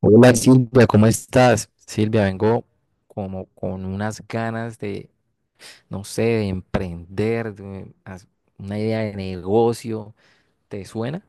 Hola Silvia, ¿cómo estás? Silvia, vengo como con unas ganas de, no sé, de emprender, una idea de negocio. ¿Te suena?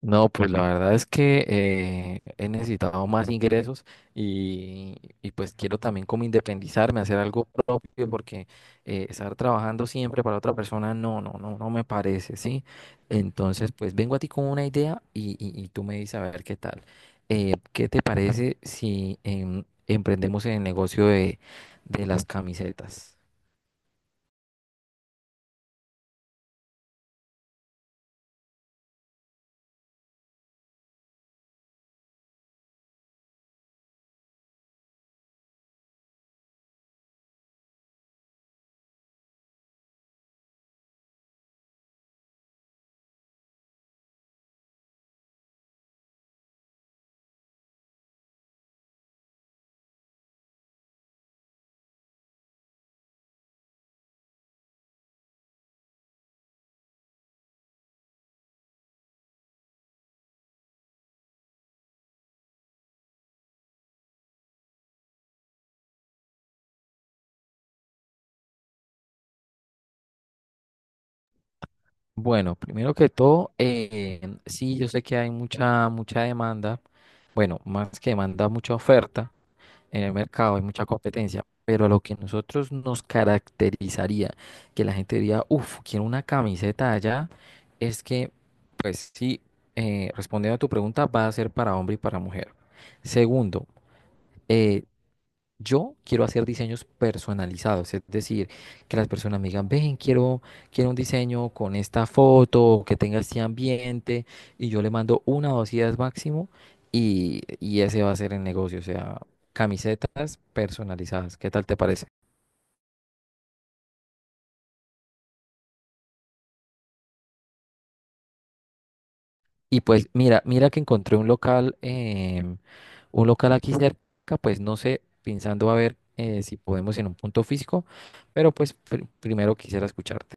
No, pues la verdad es que he necesitado más ingresos y, y pues quiero también como independizarme, hacer algo propio, porque estar trabajando siempre para otra persona no, no, no, no me parece, ¿sí? Entonces, pues vengo a ti con una idea y tú me dices a ver qué tal. ¿Qué te parece si emprendemos en el negocio de las camisetas? Bueno, primero que todo, sí, yo sé que hay mucha, mucha demanda. Bueno, más que demanda, mucha oferta en el mercado, hay mucha competencia, pero lo que a nosotros nos caracterizaría, que la gente diría, uff, quiero una camiseta allá, es que, pues sí, respondiendo a tu pregunta, va a ser para hombre y para mujer. Segundo, eh, yo quiero hacer diseños personalizados, es decir, que las personas me digan, ven, quiero un diseño con esta foto, que tenga este ambiente, y yo le mando una o dos ideas máximo, y ese va a ser el negocio, o sea, camisetas personalizadas, ¿qué tal te parece? Y pues mira, mira que encontré un local, un local aquí cerca, pues no sé, pensando a ver si podemos en un punto físico, pero pues primero quisiera escucharte.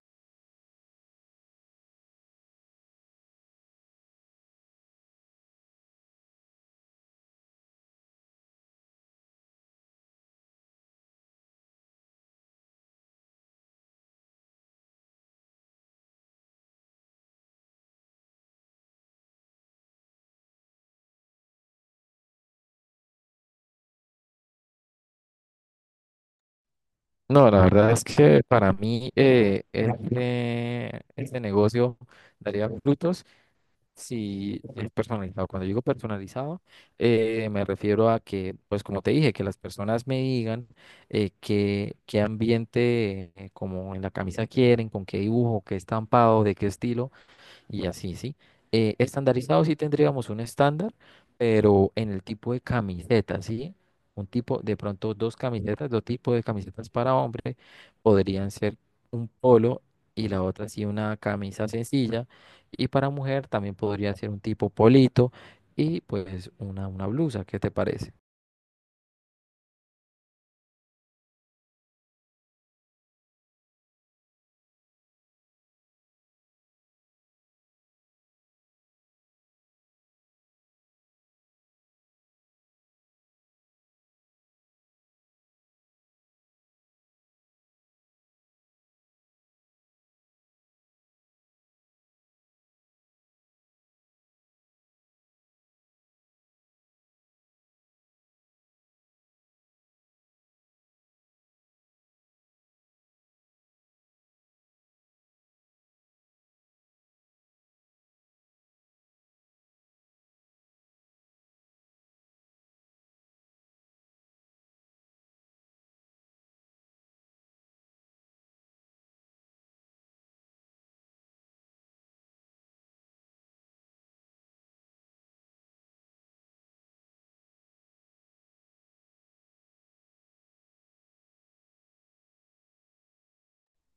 No, la verdad es que para mí este negocio daría frutos si es personalizado. Cuando digo personalizado, me refiero a que, pues como te dije, que las personas me digan qué ambiente como en la camisa quieren, con qué dibujo, qué estampado, de qué estilo y así, ¿sí? Estandarizado sí tendríamos un estándar, pero en el tipo de camiseta, ¿sí? Un tipo, de pronto dos camisetas, dos tipos de camisetas para hombre, podrían ser un polo y la otra sí una camisa sencilla, y para mujer también podría ser un tipo polito y pues una blusa, ¿qué te parece?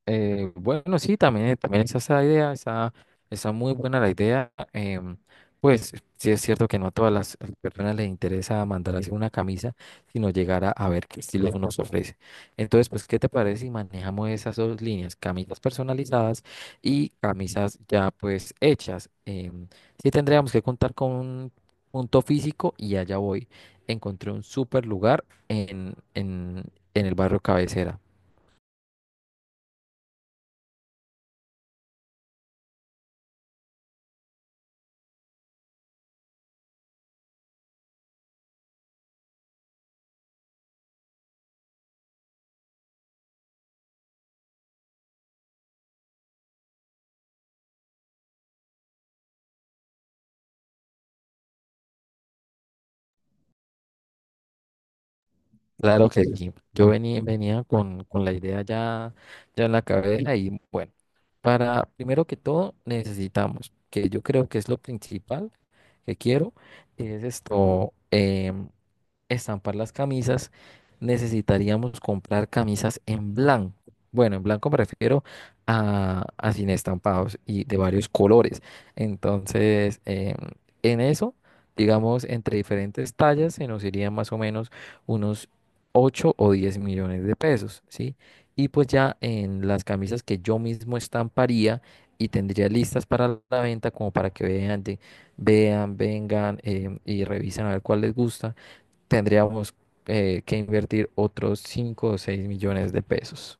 Bueno, sí, también, también esa es esa idea, esa muy buena la idea. Pues sí es cierto que no a todas las personas les interesa mandar a hacer una camisa, sino llegar a ver qué estilo nos ofrece. Entonces, pues, ¿qué te parece si manejamos esas dos líneas, camisas personalizadas y camisas ya pues hechas? Sí tendríamos que contar con un punto físico y allá voy. Encontré un súper lugar en el barrio Cabecera. Claro que sí. Yo venía con la idea ya, ya en la cabeza y bueno, para primero que todo necesitamos, que yo creo que es lo principal que quiero, es esto, estampar las camisas, necesitaríamos comprar camisas en blanco. Bueno, en blanco me refiero a sin estampados y de varios colores. Entonces, en eso, digamos, entre diferentes tallas se nos irían más o menos unos 8 o 10 millones de pesos, ¿sí? Y pues ya en las camisas que yo mismo estamparía y tendría listas para la venta como para que vean, vean, vengan y revisen a ver cuál les gusta tendríamos que invertir otros 5 o 6 millones de pesos.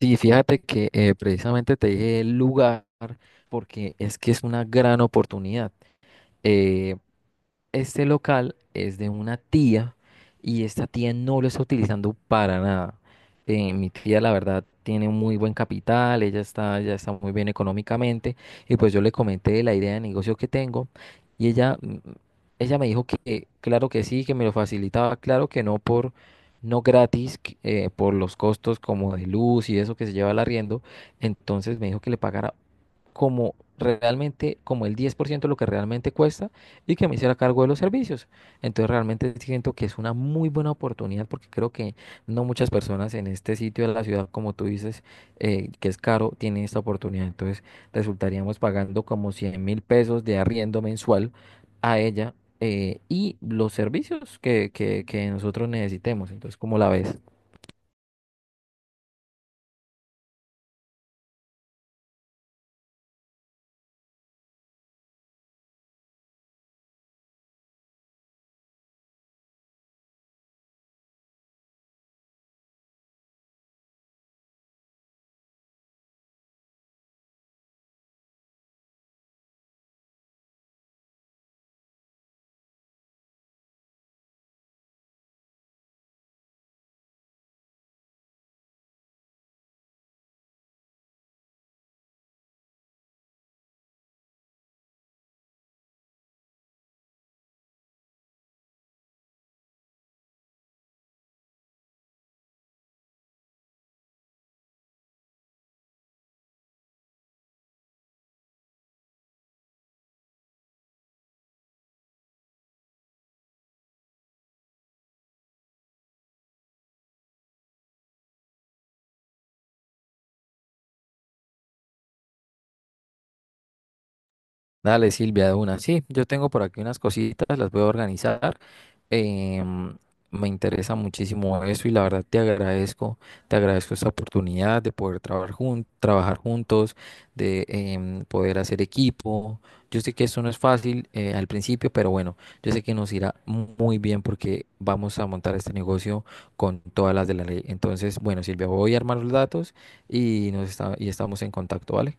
Sí, fíjate que precisamente te dije el lugar porque es que es una gran oportunidad. Eh, Este local es de una tía y esta tía no lo está utilizando para nada. Mi tía, la verdad, tiene un muy buen capital, ella está, ya está muy bien económicamente y pues yo le comenté la idea de negocio que tengo y ella me dijo que claro que sí, que me lo facilitaba, claro que no por no gratis, que, por los costos como de luz y eso que se lleva al arriendo, entonces me dijo que le pagara como realmente, como el 10% de lo que realmente cuesta y que me hiciera cargo de los servicios. Entonces realmente siento que es una muy buena oportunidad porque creo que no muchas personas en este sitio de la ciudad, como tú dices, que es caro, tienen esta oportunidad. Entonces resultaríamos pagando como 100 mil pesos de arriendo mensual a ella. Y los servicios que nosotros necesitemos. Entonces, ¿cómo la ves? Dale, Silvia, de una. Sí, yo tengo por aquí unas cositas, las voy a organizar. Em, Me interesa muchísimo eso y la verdad te agradezco, esta oportunidad de poder trabajar, trabajar juntos, de poder hacer equipo. Yo sé que esto no es fácil al principio, pero bueno, yo sé que nos irá muy bien porque vamos a montar este negocio con todas las de la ley. Entonces, bueno, Silvia, voy a armar los datos y estamos en contacto, ¿vale?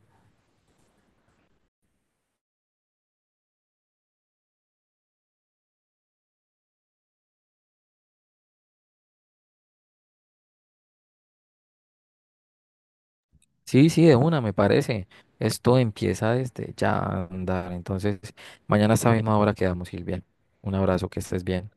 Sí, sí, de una, me parece. Esto empieza desde ya a andar. Entonces, mañana a esta misma hora quedamos, Silvia. Un abrazo, que estés bien.